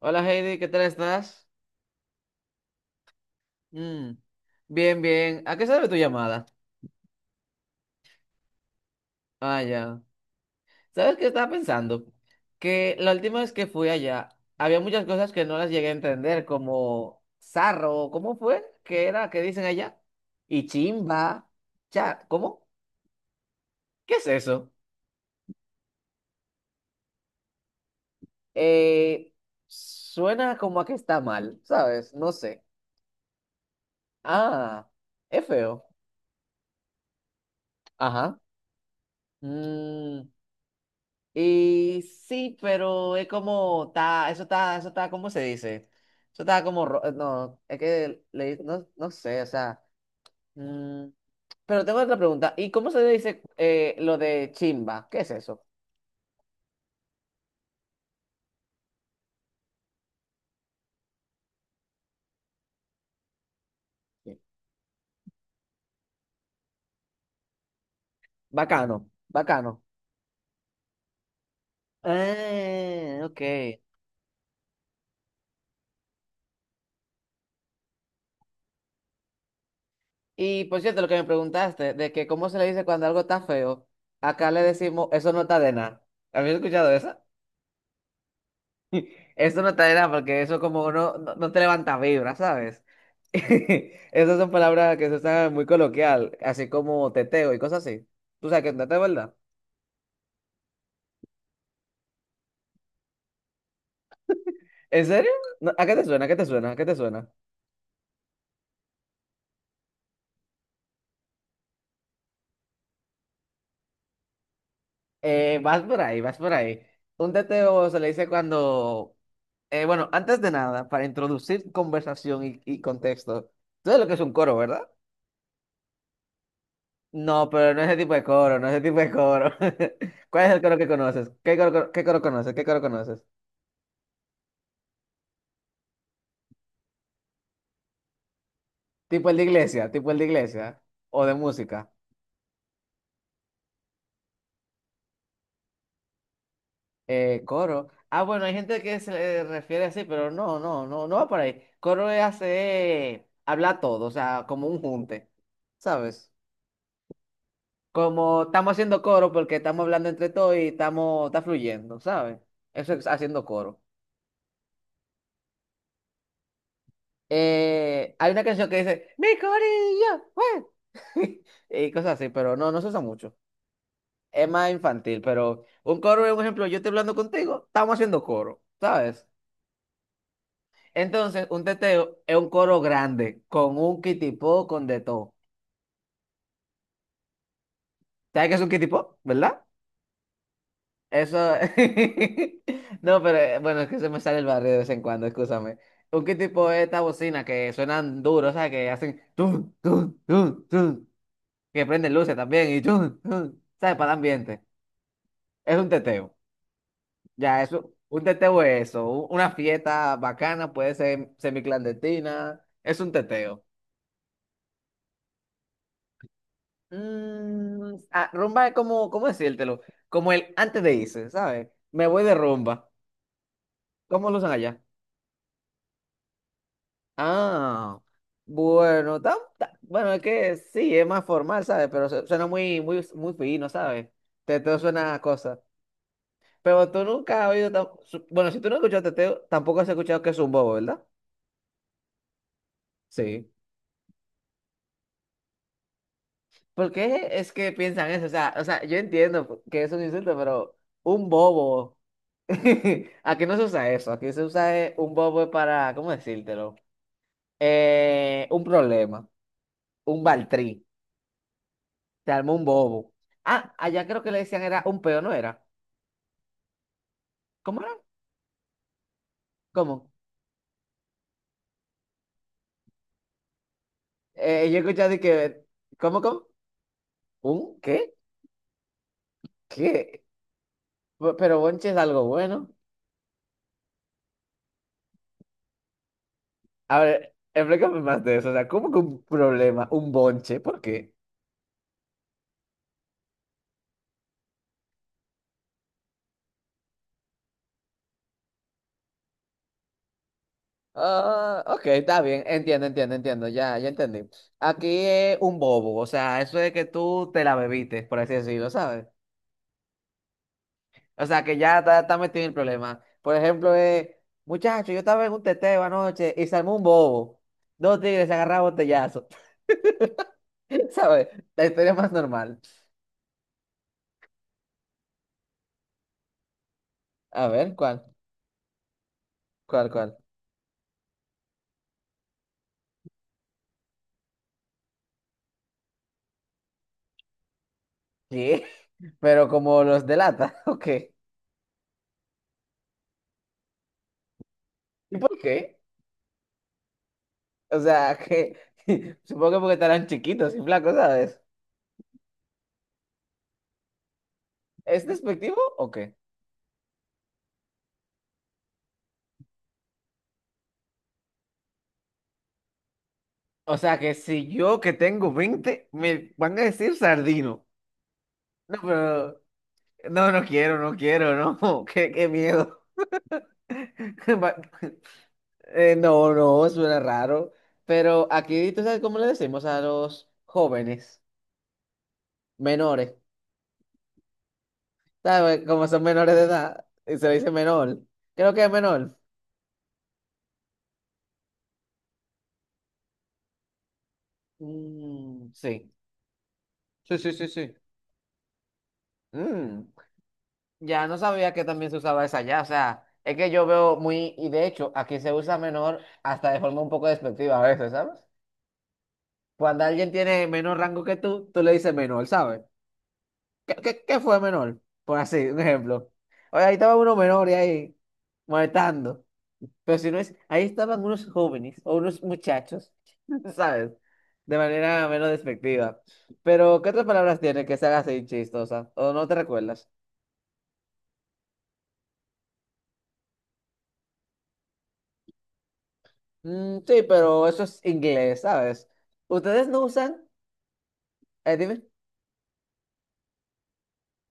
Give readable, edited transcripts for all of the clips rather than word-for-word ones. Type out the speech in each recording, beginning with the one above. Hola Heidi, ¿qué tal estás? Mm, Bien, bien. ¿A qué sabe tu llamada? Ah, ya. ¿Sabes qué estaba pensando? Que la última vez que fui allá, había muchas cosas que no las llegué a entender, como zarro, ¿cómo fue? ¿Qué era? ¿Qué dicen allá? Y chimba. ¿Cómo? ¿Qué es eso? Eh, Suena como a que está mal, ¿sabes? No sé. Ah, es feo. Ajá. Mm, Y sí, pero es como, está, eso está, ¿cómo se dice? Eso está como, no, es que le, no, no sé, o sea, mm, pero tengo otra pregunta. ¿Y cómo se dice lo de chimba? ¿Qué es eso? Sí. Bacano, bacano. Ah, ok. Y por cierto, lo que me preguntaste, de que cómo se le dice cuando algo está feo, acá le decimos, eso no está de nada. ¿Habías escuchado eso? Eso no está nada porque eso como no te levanta vibra, ¿sabes? Esas son palabras que se usan muy coloquial, así como teteo y cosas así. ¿Tú sabes qué es un teteo, verdad? ¿En serio? No, ¿a qué te suena? ¿A qué te suena? ¿A qué te suena? Vas por ahí, vas por ahí. Un teteo se le dice cuando... bueno, antes de nada, para introducir conversación y contexto, tú sabes lo que es un coro, ¿verdad? No, pero no es ese tipo de coro, no es ese tipo de coro. ¿Cuál es el coro que conoces? Qué coro conoces? ¿Qué coro conoces? Tipo el de iglesia, tipo el de iglesia. O de música. Coro. Ah, bueno, hay gente que se le refiere así, pero no va por ahí. Coro es hacer, habla todo, o sea, como un junte, ¿sabes? Como estamos haciendo coro porque estamos hablando entre todos y está fluyendo, ¿sabes? Eso es haciendo coro. Hay una canción que dice, mi corillo, güey", y cosas así, pero no se usa mucho. Es más infantil, pero un coro por ejemplo, yo estoy hablando contigo, estamos haciendo coro, ¿sabes? Entonces, un teteo es un coro grande, con un kitipó, con de todo. ¿Sabes qué es un kitipó? ¿Verdad? Eso... No, pero bueno, es que se me sale el barrio de vez en cuando, escúchame. Un kitipó es esta bocina que suenan duro, o sea, que hacen... tun, tun, tun, tun, que prenden luces también y... tun, tun, ¿sabes? Para el ambiente. Es un teteo. Ya, eso, un teteo es eso, una fiesta bacana, puede ser semiclandestina, es un teteo. Ah, rumba es como, ¿cómo decírtelo? Como el antes de irse, ¿sabes? Me voy de rumba. ¿Cómo lo usan allá? Ah, bueno, bueno, es que sí, es más formal, ¿sabes? Pero suena muy, muy, muy fino, ¿sabes? Teteo suena a cosas. Pero tú nunca has oído, bueno, si tú no has escuchado teteo, tampoco has escuchado que es un bobo, ¿verdad? Sí. ¿Por qué es que piensan eso? O sea, yo entiendo que eso es un insulto, pero un bobo. Aquí no se usa eso. Aquí se usa un bobo es para, ¿cómo decírtelo? Un problema. Un baltrí. Se armó un bobo. Ah, allá creo que le decían era un peo, ¿no era? ¿Cómo era? ¿Cómo? Yo he escuchado de que. ¿Cómo, cómo? ¿Un qué? ¿Qué? Pero bonche es algo bueno. A ver, explícame más de eso. O sea, ¿cómo que un problema? Un bonche. ¿Por qué? Ah, ok, está bien, entiendo, entiendo, entiendo, ya, ya entendí. Aquí es un bobo, o sea, eso es que tú te la bebiste, por así decirlo, ¿sabes? O sea, que ya está, metido en el problema. Por ejemplo, muchacho, yo estaba en un teteo anoche y se armó un bobo. Dos tigres se agarraron a botellazo, ¿sabes? La historia más normal. A ver, ¿cuál? ¿Cuál, cuál? ¿Qué? Pero como los delata, ok. ¿Y por qué? O sea, que supongo que porque estarán chiquitos y flacos, ¿sabes? ¿Es despectivo o qué? O sea, que si yo que tengo 20 me van a decir sardino. No, pero... No, no quiero, no quiero, no. Qué miedo. Va- no, no, suena raro. Pero aquí, ¿tú sabes cómo le decimos a los jóvenes? Menores. ¿Sabes? Como son menores de edad, y se le dice menor. Creo que es menor. Mm, sí. Sí, sí, sí, sí. Mm. Ya no sabía que también se usaba esa ya, o sea, es que yo veo muy, y de hecho, aquí se usa menor hasta de forma un poco despectiva a veces, ¿sabes? Cuando alguien tiene menor rango que tú le dices menor, ¿sabes? ¿Qué fue menor? Por así, un ejemplo. Oye, ahí estaba uno menor y ahí, molestando. Pero si no es, ahí estaban unos jóvenes o unos muchachos, ¿sabes? De manera menos despectiva. Pero, ¿qué otras palabras tiene que se haga así chistosa? ¿O no te recuerdas? Mm, sí, pero eso es inglés, ¿sabes? ¿Ustedes no usan? Dime.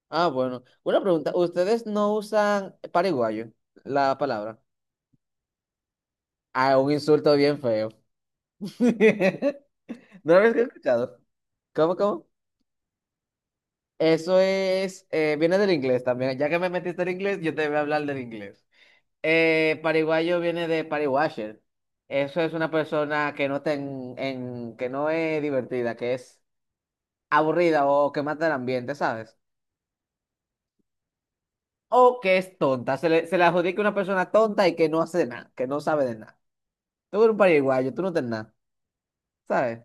Ah, bueno. Una pregunta. ¿Ustedes no usan paraguayo, la palabra? Ah, un insulto bien feo. ¿No lo habéis escuchado? ¿Cómo, cómo? Eso es, viene del inglés también. Ya que me metiste en inglés, yo te voy a hablar del inglés. Pariguayo viene de party-washer. Eso es una persona que que no es divertida, que es aburrida o que mata el ambiente, ¿sabes? O que es tonta. Se le adjudica a una persona tonta y que no hace nada, que no sabe de nada. Tú eres un pariguayo, tú no tienes nada, ¿sabes?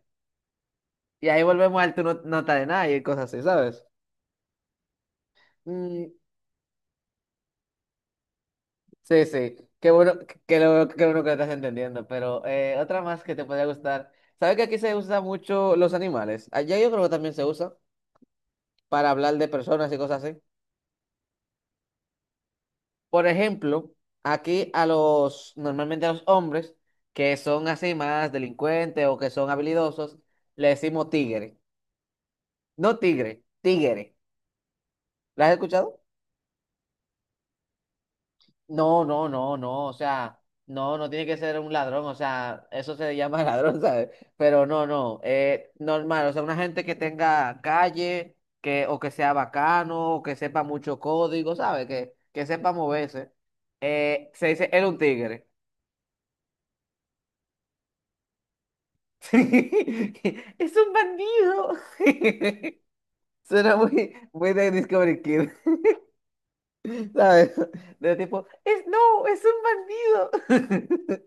Y ahí volvemos al tú no estás de nada y cosas así, ¿sabes? Mm, sí, sí. Qué bueno, que lo estás entendiendo. Pero otra más que te podría gustar. ¿Sabes que aquí se usa mucho los animales? Allá yo creo que también se usa para hablar de personas y cosas así. Por ejemplo, aquí normalmente a los hombres que son así más delincuentes o que son habilidosos, le decimos tigre. No tigre, tigre. ¿La has escuchado? No, no, no, no. O sea, no tiene que ser un ladrón. O sea, eso se llama ladrón, ¿sabes? Pero no, no. Normal. O sea, una gente que tenga calle, o que sea bacano, o que sepa mucho código, ¿sabes? Que sepa moverse. Se dice, era un tigre. Es un bandido. Suena muy, muy de Discovery Kid. ¿Sabes? De tipo, es no, es un bandido.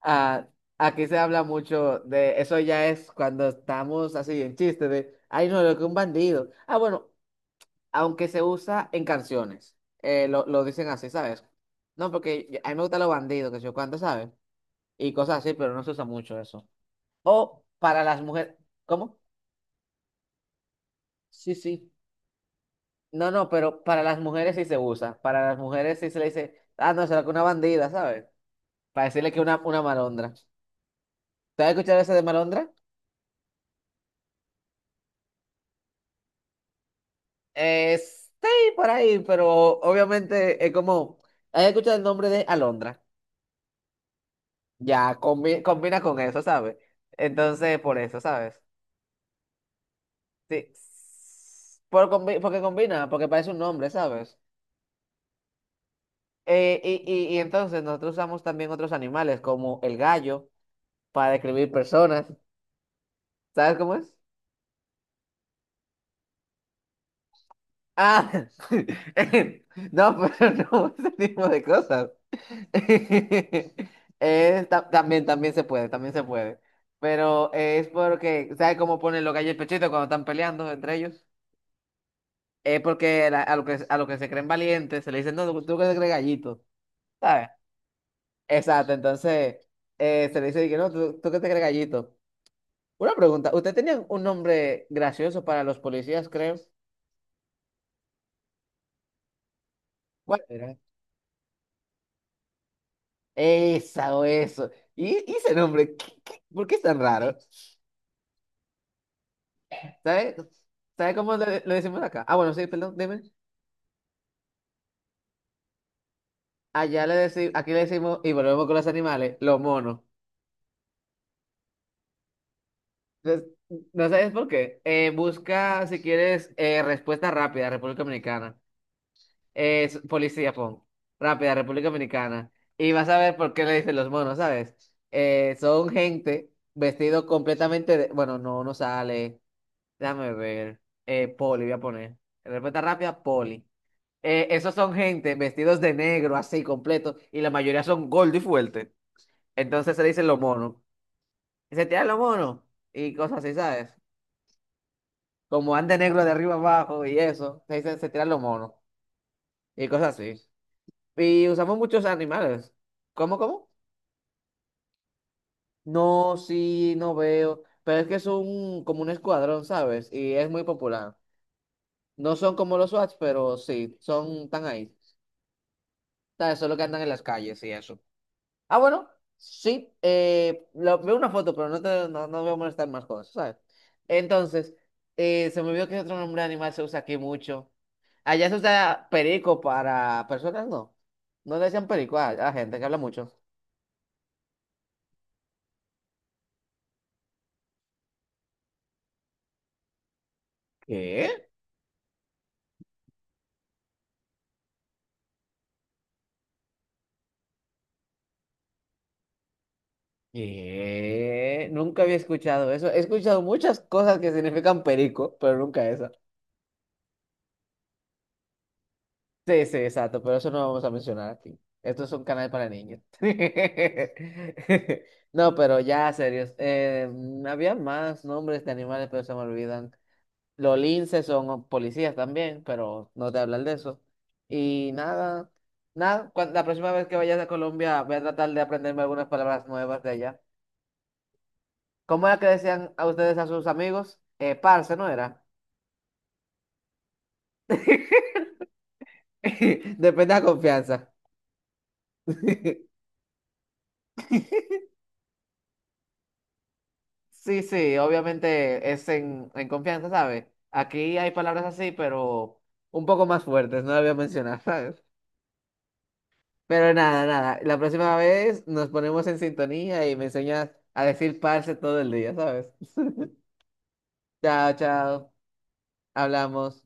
Ah, aquí se habla mucho de eso ya es cuando estamos así en chiste de, ay no, lo que un bandido. Ah, bueno, aunque se usa en canciones, lo dicen así, ¿sabes? No, porque a mí me gustan los bandidos, que yo cuánto, ¿sabes? Y cosas así, pero no se usa mucho eso. O para las mujeres, ¿cómo? Sí, sí. No, no, pero para las mujeres sí se usa. Para las mujeres sí se le dice, ah, no, será que una bandida, ¿sabes? Para decirle que una malondra. ¿Te has escuchado ese de malondra? Sí, por ahí, pero obviamente es como, he escuchado el nombre de Alondra, ya combina con eso, ¿sabes? Entonces, por eso, ¿sabes? Sí. Porque combina, porque parece un nombre, ¿sabes? Y entonces nosotros usamos también otros animales, como el gallo, para describir personas, ¿sabes cómo es? Ah, no, pero no, ese tipo de cosas. También se puede, también se puede. Pero es porque, ¿sabes cómo ponen los gallos el pechito cuando están peleando entre ellos? Es porque a lo que se creen valientes se le dicen, no, tú que te crees gallito, ¿sabes? Exacto, entonces se le dice, que no, tú que te crees gallito. Una pregunta, ¿usted tenía un nombre gracioso para los policías, creo? ¿Cuál era? Esa o eso. ¿Y ese nombre? ¿Por qué es tan raro? ¿Sabes? ¿Sabes cómo le decimos acá? Ah, bueno, sí, perdón, dime. Allá le decimos, aquí le decimos, y volvemos con los animales, los monos. Entonces, no sabes por qué. Busca, si quieres, respuesta rápida, República Dominicana. Policía, pon. Rápida, República Dominicana. Y vas a ver por qué le dicen los monos, ¿sabes? Son gente vestido completamente de... Bueno, no sale. Déjame ver. Poli, voy a poner. Respuesta rápida, poli. Esos son gente vestidos de negro, así, completo, y la mayoría son gordo y fuerte. Entonces se le dicen los monos. Se tiran los monos y cosas así, ¿sabes? Como ande negro de arriba abajo y eso, se dice, se tiran los monos y cosas así. Y usamos muchos animales. ¿Cómo, cómo? No, sí, no veo. Pero es que es como un escuadrón, ¿sabes? Y es muy popular. No son como los SWAT, pero sí, son tan ahí. ¿Sabes? Solo que andan en las calles y eso. Ah, bueno, sí, veo una foto, pero no te, no, no voy a molestar más cosas, ¿sabes? Entonces, se me olvidó que otro nombre de animal se usa aquí mucho. Allá se usa perico para personas, no. No le decían perico a la gente que habla mucho. ¿Qué? ¿Qué? Nunca había escuchado eso. He escuchado muchas cosas que significan perico, pero nunca esa. Sí, sí, exacto, pero eso no lo vamos a mencionar aquí. Esto es un canal para niños. No, pero ya, serios. Había más nombres de animales, pero se me olvidan. Los linces son policías también, pero no te hablan de eso. Y nada, nada, la próxima vez que vayas a Colombia voy a tratar de aprenderme algunas palabras nuevas de allá. ¿Cómo era que decían a ustedes a sus amigos? Parce, ¿no era? Depende de la confianza. Sí, sí, obviamente es en confianza, ¿sabes? Aquí hay palabras así, pero un poco más fuertes, no las voy a mencionar, ¿sabes? Pero nada, nada. La próxima vez nos ponemos en sintonía y me enseñas a decir parce todo el día, ¿sabes? Chao, chao. Hablamos.